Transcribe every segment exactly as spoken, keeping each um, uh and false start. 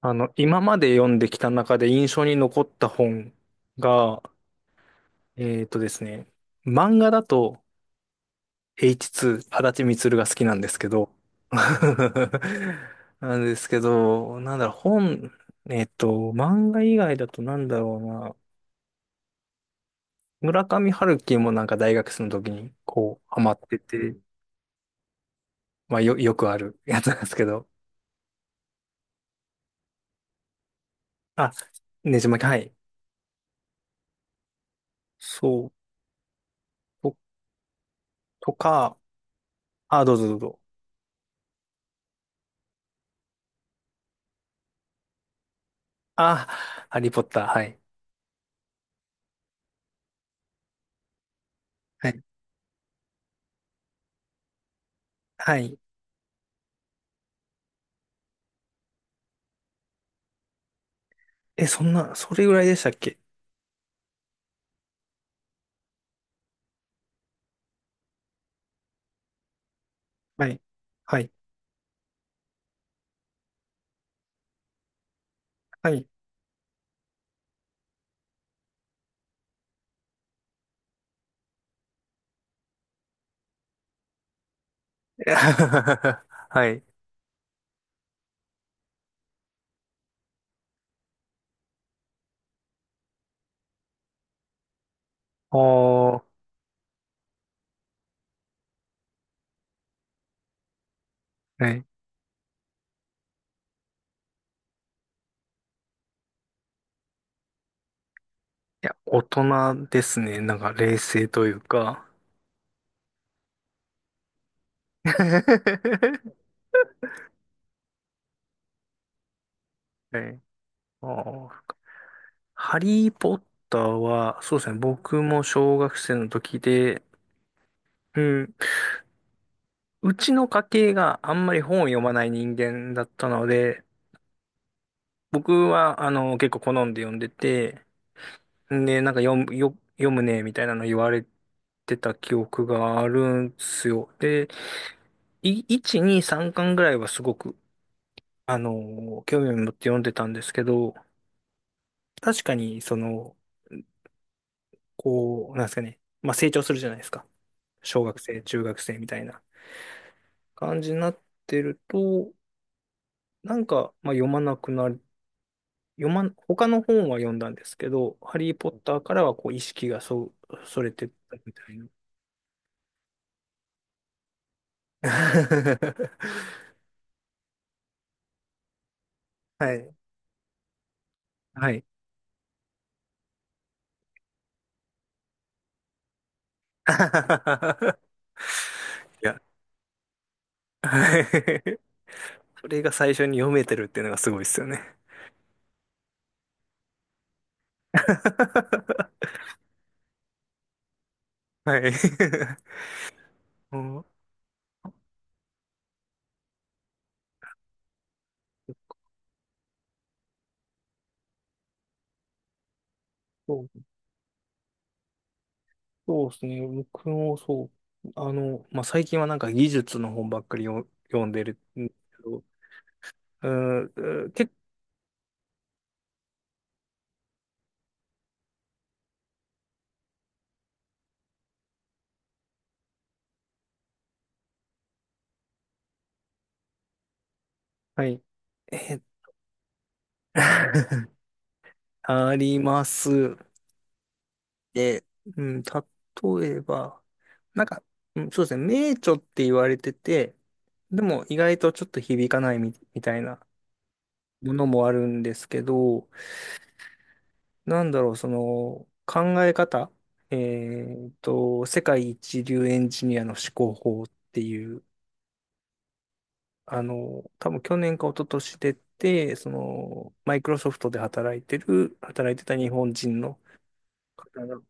あの、今まで読んできた中で印象に残った本が、えーとですね、漫画だと エイチツー、足立みつるが好きなんですけど、なんですけど、なんだろう、本、えっと、漫画以外だとなんだろうな、村上春樹もなんか大学生の時にこう、ハマってて、まあよ、よくある やつなんですけど、あ、ねじ巻き、はい。そう、と、とか、あ、どうぞどうぞ。あ、ハリーポッター、はい。はい。え、そんな、それぐらいでしたっけ？はい。はい。はい。はい。おー。はい。いや、大人ですね。なんか冷静というか。はい。あー、ハリー・ポッターは、そうですね。僕も小学生の時で、うん。うちの家系があんまり本を読まない人間だったので、僕は、あの、結構好んで読んでて、で、なんか読む、よ、読むね、みたいなの言われてた記憶があるんすよ。で、い、いち、に、さんかんぐらいはすごく、あのー興味を持って読んでたんですけど、確かに、その、こう、なんですかね、まあ成長するじゃないですか。小学生、中学生みたいな感じになってると、なんか、まあ読まなくなる、読まん、他の本は読んだんですけど、ハリー・ポッターからはこう意識がそ、それてったみたいな。はい。はい。いや、はい。それが最初に読めてるっていうのがすごいですよね。はい。うん、そう、そうですね。僕もそう。あの、まあ、最近はなんか技術の本ばっかりよ読んでるんですけど、うん、うんけ、はい。えー あります。で、うん、例えば、なんか、うん、そうですね、名著って言われてて、でも意外とちょっと響かないみ、みたいなものもあるんですけど、なんだろう、その考え方、えっと、世界一流エンジニアの思考法っていう、あの、多分去年か一昨年出て、その、マイクロソフトで働いてる、働いてた日本人の方の、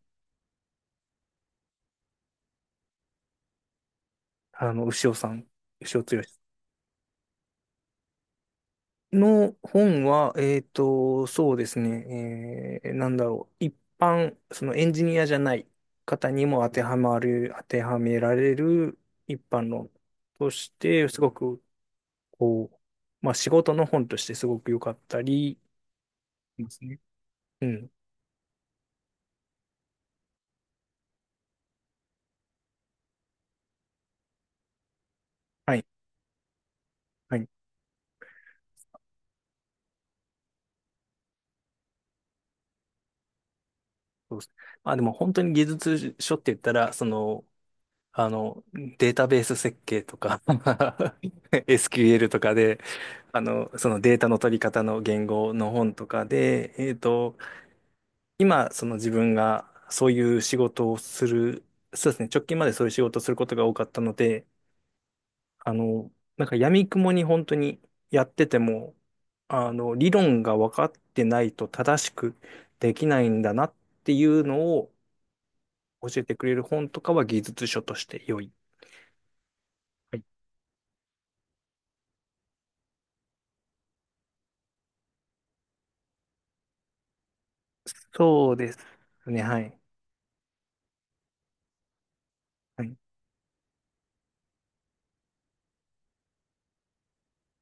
あの、牛尾さん、牛尾剛の本は、えっと、そうですね、えー、なんだろう、一般、そのエンジニアじゃない方にも当てはまる、当てはめられる一般論として、すごく、こう、まあ仕事の本としてすごく良かったり、ですね。うん。はい。はい。そうです。まあでも本当に技術書って言ったら、その、あの、データベース設計とか エスキューエル とかで、あの、そのデータの取り方の言語の本とかで、えっと、今、その自分がそういう仕事をする、そうですね、直近までそういう仕事をすることが多かったので、あの、なんか闇雲に本当にやってても、あの、理論が分かってないと正しくできないんだなっていうのを教えてくれる本とかは技術書として良い。そうですね、はい。はい。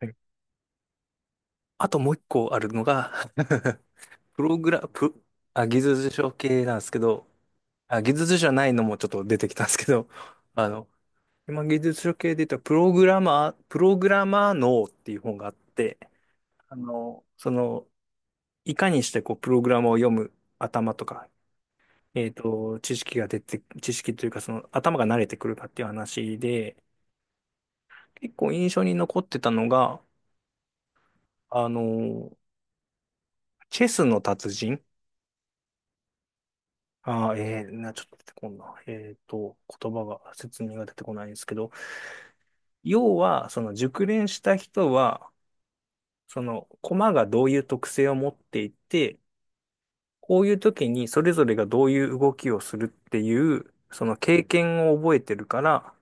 はい。あと、もう一個あるのが プログラプ、あ、技術書系なんですけど、あ、技術書じゃないのもちょっと出てきたんですけど、あの、今技術書系で言ったらプログラマー、プログラマー脳っていう本があって、あの、その、いかにしてこう、プログラムを読む頭とか、えっと、知識が出て、知識というかその頭が慣れてくるかっていう話で、結構印象に残ってたのが、あのチェスの達人、あー、えー、な、ちょっと出てこんな。えっと、言葉が、説明が出てこないんですけど、要は、その熟練した人は、その駒がどういう特性を持っていて、こういう時にそれぞれがどういう動きをするっていう、その経験を覚えてるから、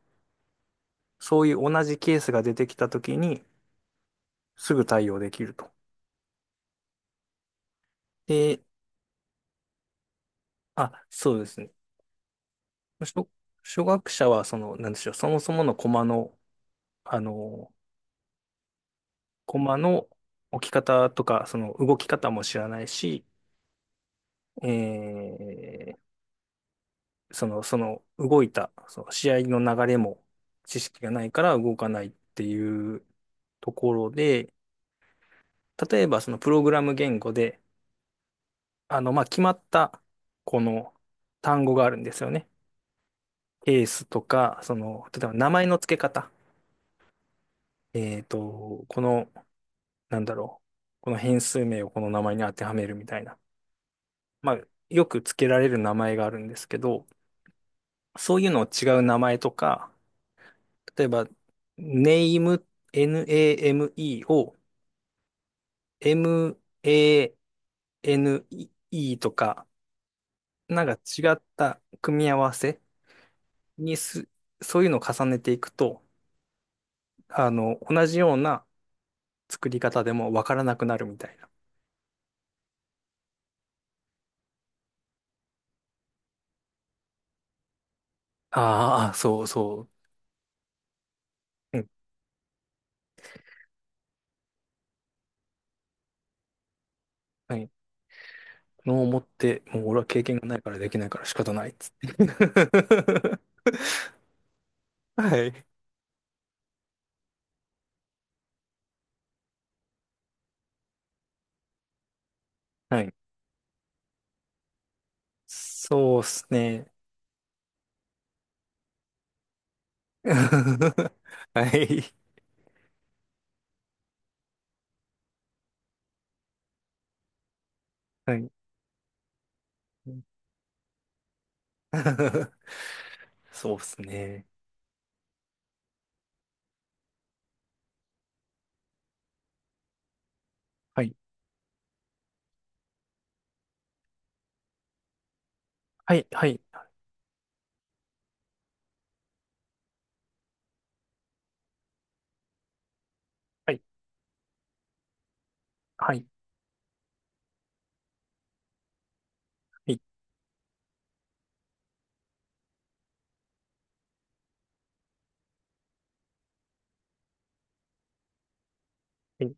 そういう同じケースが出てきた時に、すぐ対応できると。で、あ、そうですね。初、初学者は、その、なんでしょう、そもそもの駒の、あのコマの置き方とか、その動き方も知らないし、えーその、その動いた、その試合の流れも知識がないから動かないっていうところで、例えばそのプログラム言語で、あの、まあ、決まったこの単語があるんですよね。ケースとか、その、例えば名前の付け方。えっと、この、なんだろう。この変数名をこの名前に当てはめるみたいな。まあ、よく付けられる名前があるんですけど、そういうのを違う名前とか、例えば、name, name を エムエーエヌイー とか、なんか違った組み合わせにす、そういうのを重ねていくと、あの、同じような作り方でもわからなくなるみたいな。ああ、そうそう。うん。はい。のを持って、もう俺は経験がないからできないから仕方ないっつって。はい。はい。そうっすね。はい。はい。そうっすね。はい。はい。はい。はい。はい。はい。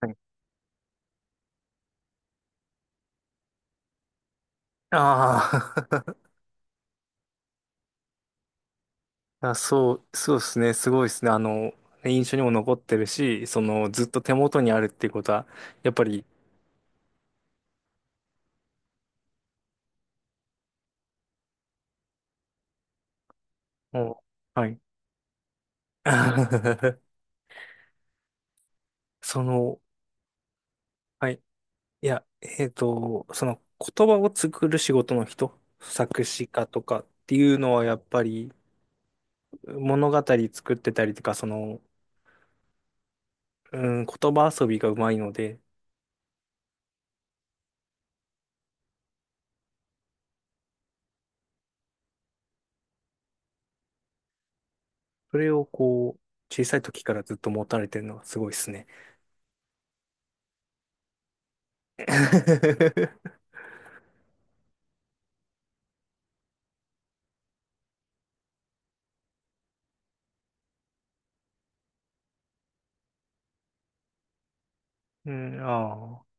はい。あー あ、そう、そうっすね。すごいっすね。あの、印象にも残ってるし、その、ずっと手元にあるっていうことは、やっぱり、もう、はい。その、はい。いや、えっと、その、言葉を作る仕事の人、作詞家とかっていうのは、やっぱり、物語作ってたりとか、その、うん、言葉遊びがうまいので、それをこう、小さい時からずっと持たれてるのがすごいですね。うん、ああ。